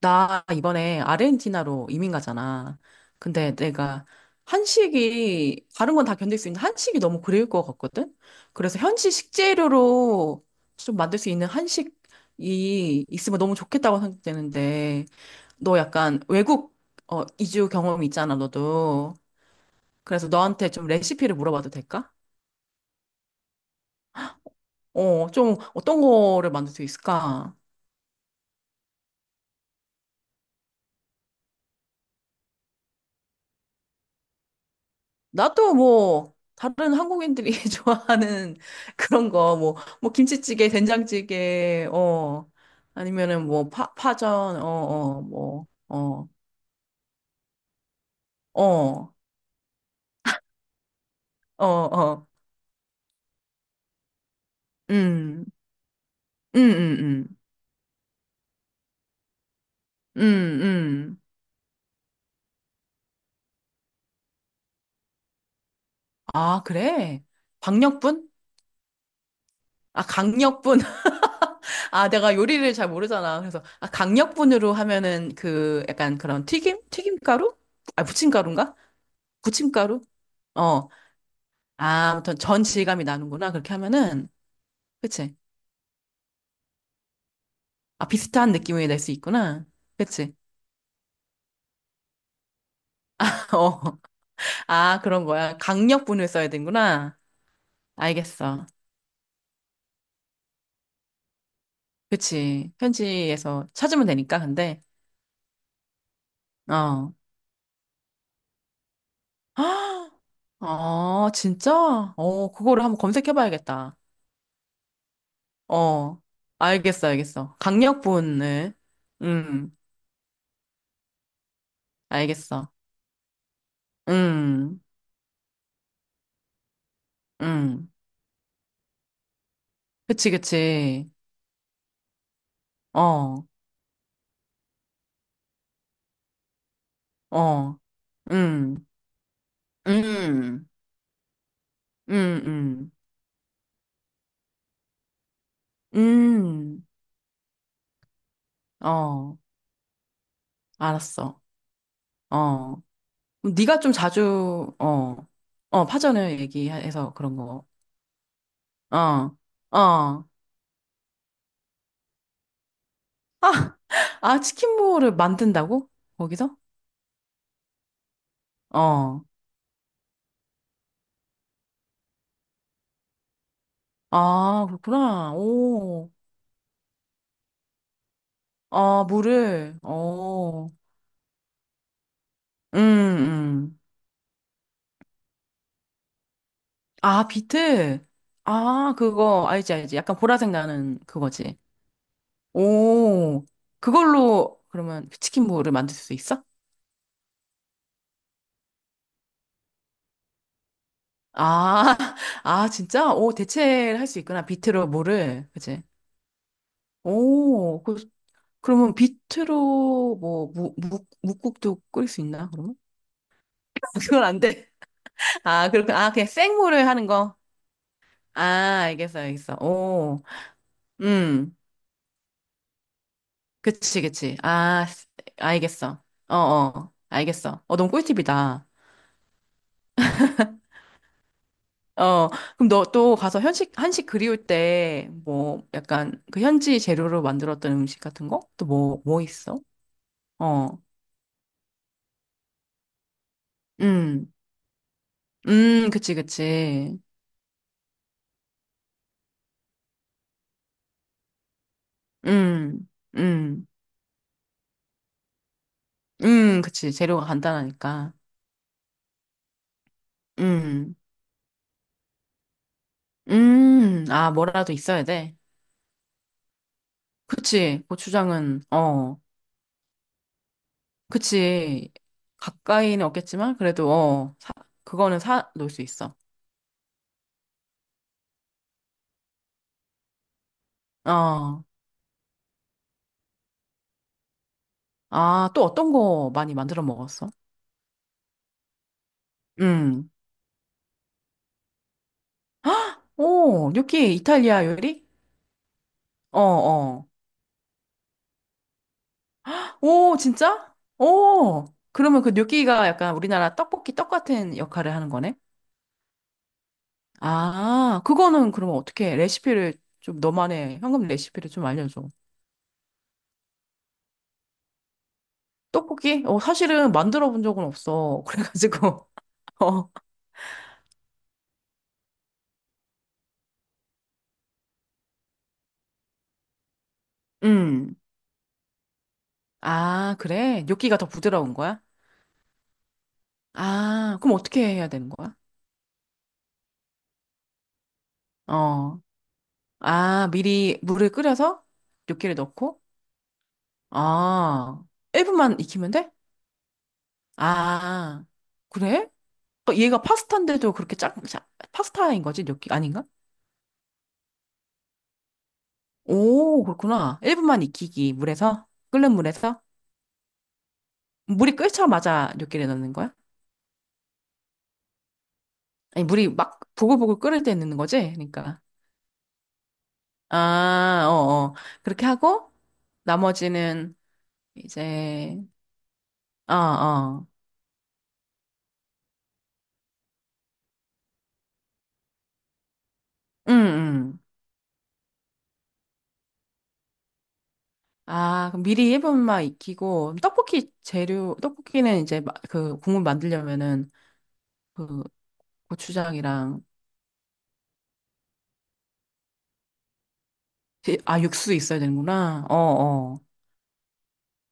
나 이번에 아르헨티나로 이민 가잖아. 근데 내가 한식이, 다른 건 다 견딜 수 있는데 한식이 너무 그리울 것 같거든? 그래서 현지 식재료로 좀 만들 수 있는 한식이 있으면 너무 좋겠다고 생각되는데, 너 약간 외국, 이주 경험이 있잖아, 너도. 그래서 너한테 좀 레시피를 물어봐도 될까? 좀 어떤 거를 만들 수 있을까? 나도 뭐 다른 한국인들이 좋아하는 그런 거 뭐 김치찌개, 된장찌개 어 아니면은 뭐 파, 파전 어어뭐어어어어음음음음음음아 그래 박력분? 아 강력분 아 내가 요리를 잘 모르잖아 그래서 아 강력분으로 하면은 그 약간 그런 튀김가루? 아 부침가루인가? 부침가루? 어, 아, 아무튼 전 질감이 나는구나, 그렇게 하면은. 그치? 아, 비슷한 느낌이 낼 수 있구나. 그치? 어. 아, 그런 거야. 강력분을 써야 되는구나. 알겠어. 그치. 현지에서 찾으면 되니까, 근데. 어. 아, 진짜? 어, 그거를 한번 검색해봐야겠다. 어. 알겠어, 알겠어. 강력분을. 음, 알겠어. 음, 음. 그치, 그치. 어, 어, 음, 음. 음, 음, 음, 어, 알았어. 어, 네가 좀 자주, 어, 어, 파전을 얘기해서 그런 거. 어, 어. 아, 아, 치킨볼을 만든다고? 거기서? 어. 아, 그렇구나. 오. 아, 물을. 오 음, 음. 아, 비트. 아, 그거 알지, 알지. 약간 보라색 나는 그거지. 오. 그걸로 그러면 치킨볼을 만들 수 있어? 아, 아, 진짜? 오, 대체를 할 수 있구나. 비트로 뭐를. 그치? 오, 그, 그러면 비트로 뭐, 묵국도 끓일 수 있나, 그러면? 그건 안 돼. 아, 그렇구나. 아, 그냥 생물을 하는 거. 아, 알겠어, 알겠어. 오, 음. 그치, 그치. 아, 알겠어. 어, 어. 알겠어. 어, 너무 꿀팁이다. 어, 그럼 너 또 가서 현식, 한식 그리울 때, 뭐, 약간 그 현지 재료로 만들었던 음식 같은 거? 또 뭐, 뭐 있어? 어, 음, 그치, 그치. 음, 음, 그치. 재료가 간단하니까. 음, 아, 뭐라도 있어야 돼. 그치. 고추장은, 어, 그치. 가까이는 없겠지만, 그래도, 어, 사, 그거는 사 놓을 수 있어. 어, 아, 또 어떤 거 많이 만들어 먹었어? 음, 오, 뇨끼 이탈리아 요리? 어, 어. 오, 진짜? 오, 그러면 그 gnocchi가 약간 우리나라 떡볶이 떡 같은 역할을 하는 거네? 아, 그거는 그러면 어떻게 레시피를 좀 너만의 현금 레시피를 좀 알려줘. 떡볶이? 어, 사실은 만들어 본 적은 없어. 그래가지고, 어, 음. 아, 그래? gnocchi가 더 부드러운 거야? 아, 그럼 어떻게 해야 되는 거야? 어, 아, 미리 물을 끓여서 gnocchi를 넣고? 아, 1분만 익히면 돼? 아, 그래? 어, 얘가 파스타인데도 그렇게 짜, 짜- 파스타인 거지? 느낌 아닌가? 오, 그렇구나. 1분만 익히기, 물에서? 끓는 물에서? 물이 끓자마자 뇨끼를 넣는 거야? 아니, 물이 막 보글보글 끓을 때 넣는 거지? 그러니까. 아, 어, 어. 그렇게 하고, 나머지는 이제, 어, 어. 응, 응. 아, 그럼 미리 1분만 익히고, 떡볶이 재료, 떡볶이는 이제 마- 그 국물 만들려면은 그 고추장이랑, 제- 아, 육수 있어야 되는구나. 어, 어.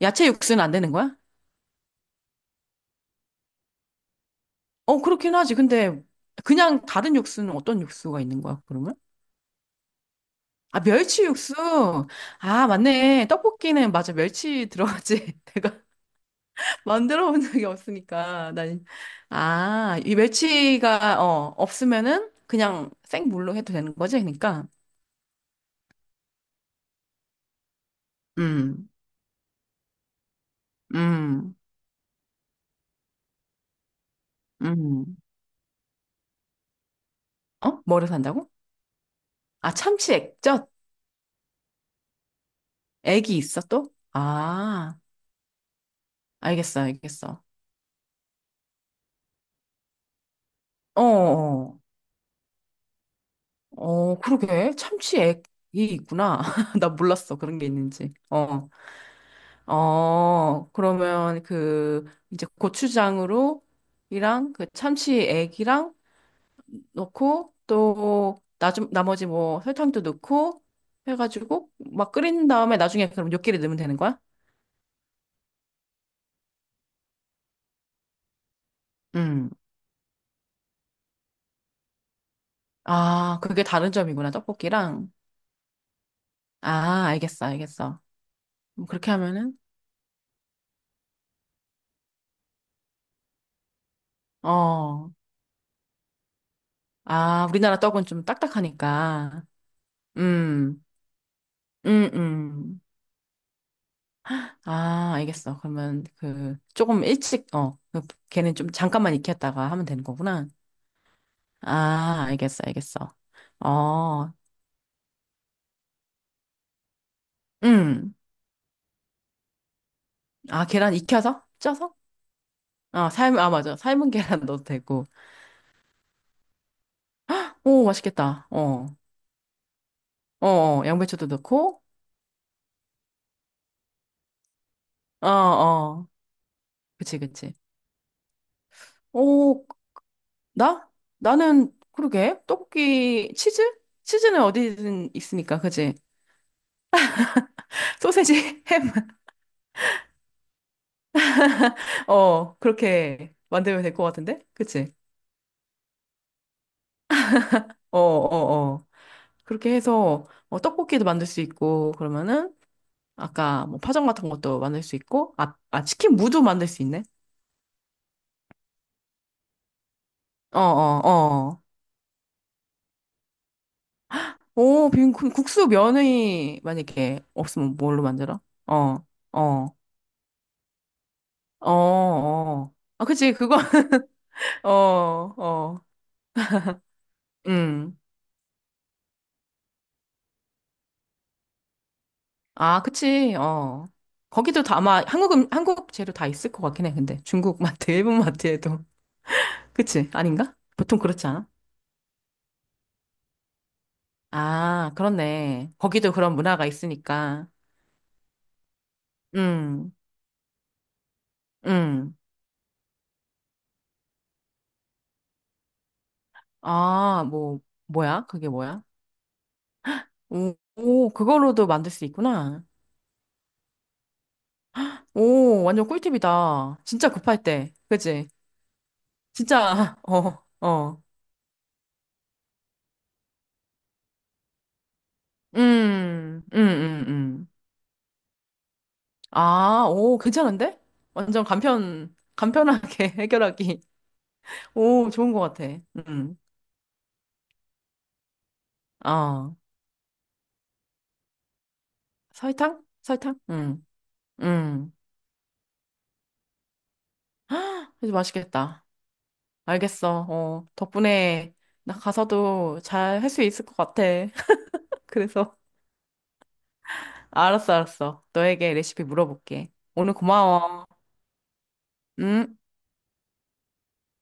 야채 육수는 안 되는 거야? 어, 그렇긴 하지. 근데 그냥 다른 육수는 어떤 육수가 있는 거야, 그러면? 아, 멸치 육수. 아, 맞네. 떡볶이는 맞아. 멸치 들어가지. 내가 만들어 본 적이 없으니까. 난 아, 이 멸치가 어, 없으면은 그냥 생물로 해도 되는 거지, 그러니까. 음. 음. 음. 어? 뭐를 산다고? 아, 참치 액젓. 액이 있어 또? 아, 알겠어. 알겠어. 어, 어. 어. 어, 그러게. 참치액이 있구나. 나 몰랐어. 그런 게 있는지. 어, 어, 그러면 그, 이제 고추장으로, 이랑 그 참치액이랑 넣고, 또, 나 좀, 나머지 뭐 설탕도 넣고, 해가지고, 막 끓인 다음에 나중에 그럼 요끼를 넣으면 되는 거야? 음. 아, 그게 다른 점이구나. 떡볶이랑. 아, 알겠어. 알겠어. 그렇게 하면은, 어, 아, 우리나라 떡은 좀 딱딱하니까. 음. 음, 음. 아, 알겠어. 그러면 그 조금 일찍 어, 그 걔는 좀 잠깐만 익혔다가 하면 되는 거구나. 아, 알겠어, 알겠어. 어, 음. 아, 계란 익혀서? 쪄서? 아, 삶, 아, 맞아. 삶은 계란 넣어도 되고. 오, 맛있겠다. 어, 어, 어, 양배추도 넣고. 어, 어. 그치, 그치. 오, 나? 나는, 그러게. 떡볶이, 치즈? 치즈는 어디든 있으니까, 그치? 소세지, 햄 어, 그렇게 만들면 될 것 같은데? 그치? 어, 어, 어. 그렇게 해서, 어, 떡볶이도 만들 수 있고, 그러면은, 아까 뭐 파전 같은 것도 만들 수 있고, 아, 아, 치킨 무도 만들 수 있네? 어, 어, 어. 오, 빈 국수 면이 만약에 없으면 뭘로 만들어? 어, 어, 어, 어. 아, 그치, 그거, 어, 어. 음. 아, 그치, 어. 거기도 다 아마 한국, 한국 재료 다 있을 것 같긴 해, 근데. 중국 마트, 일본 마트에도. 그치? 아닌가? 보통 그렇지 않아? 아, 그렇네. 거기도 그런 문화가 있으니까. 음, 음. 아, 뭐, 뭐야? 그게 뭐야? 오, 오, 그걸로도 만들 수 있구나. 오, 완전 꿀팁이다. 진짜 급할 때. 그치? 진짜, 어, 어. 음, 음, 음, 음. 아, 오, 괜찮은데? 완전 간편, 간편하게 해결하기. 오, 좋은 것 같아. 음, 어. 설탕? 설탕? 음. 아주 맛있겠다. 알겠어. 어, 덕분에 나 가서도 잘 할 수 있을 것 같아. 그래서 알았어, 알았어. 너에게 레시피 물어볼게. 오늘 고마워. 응?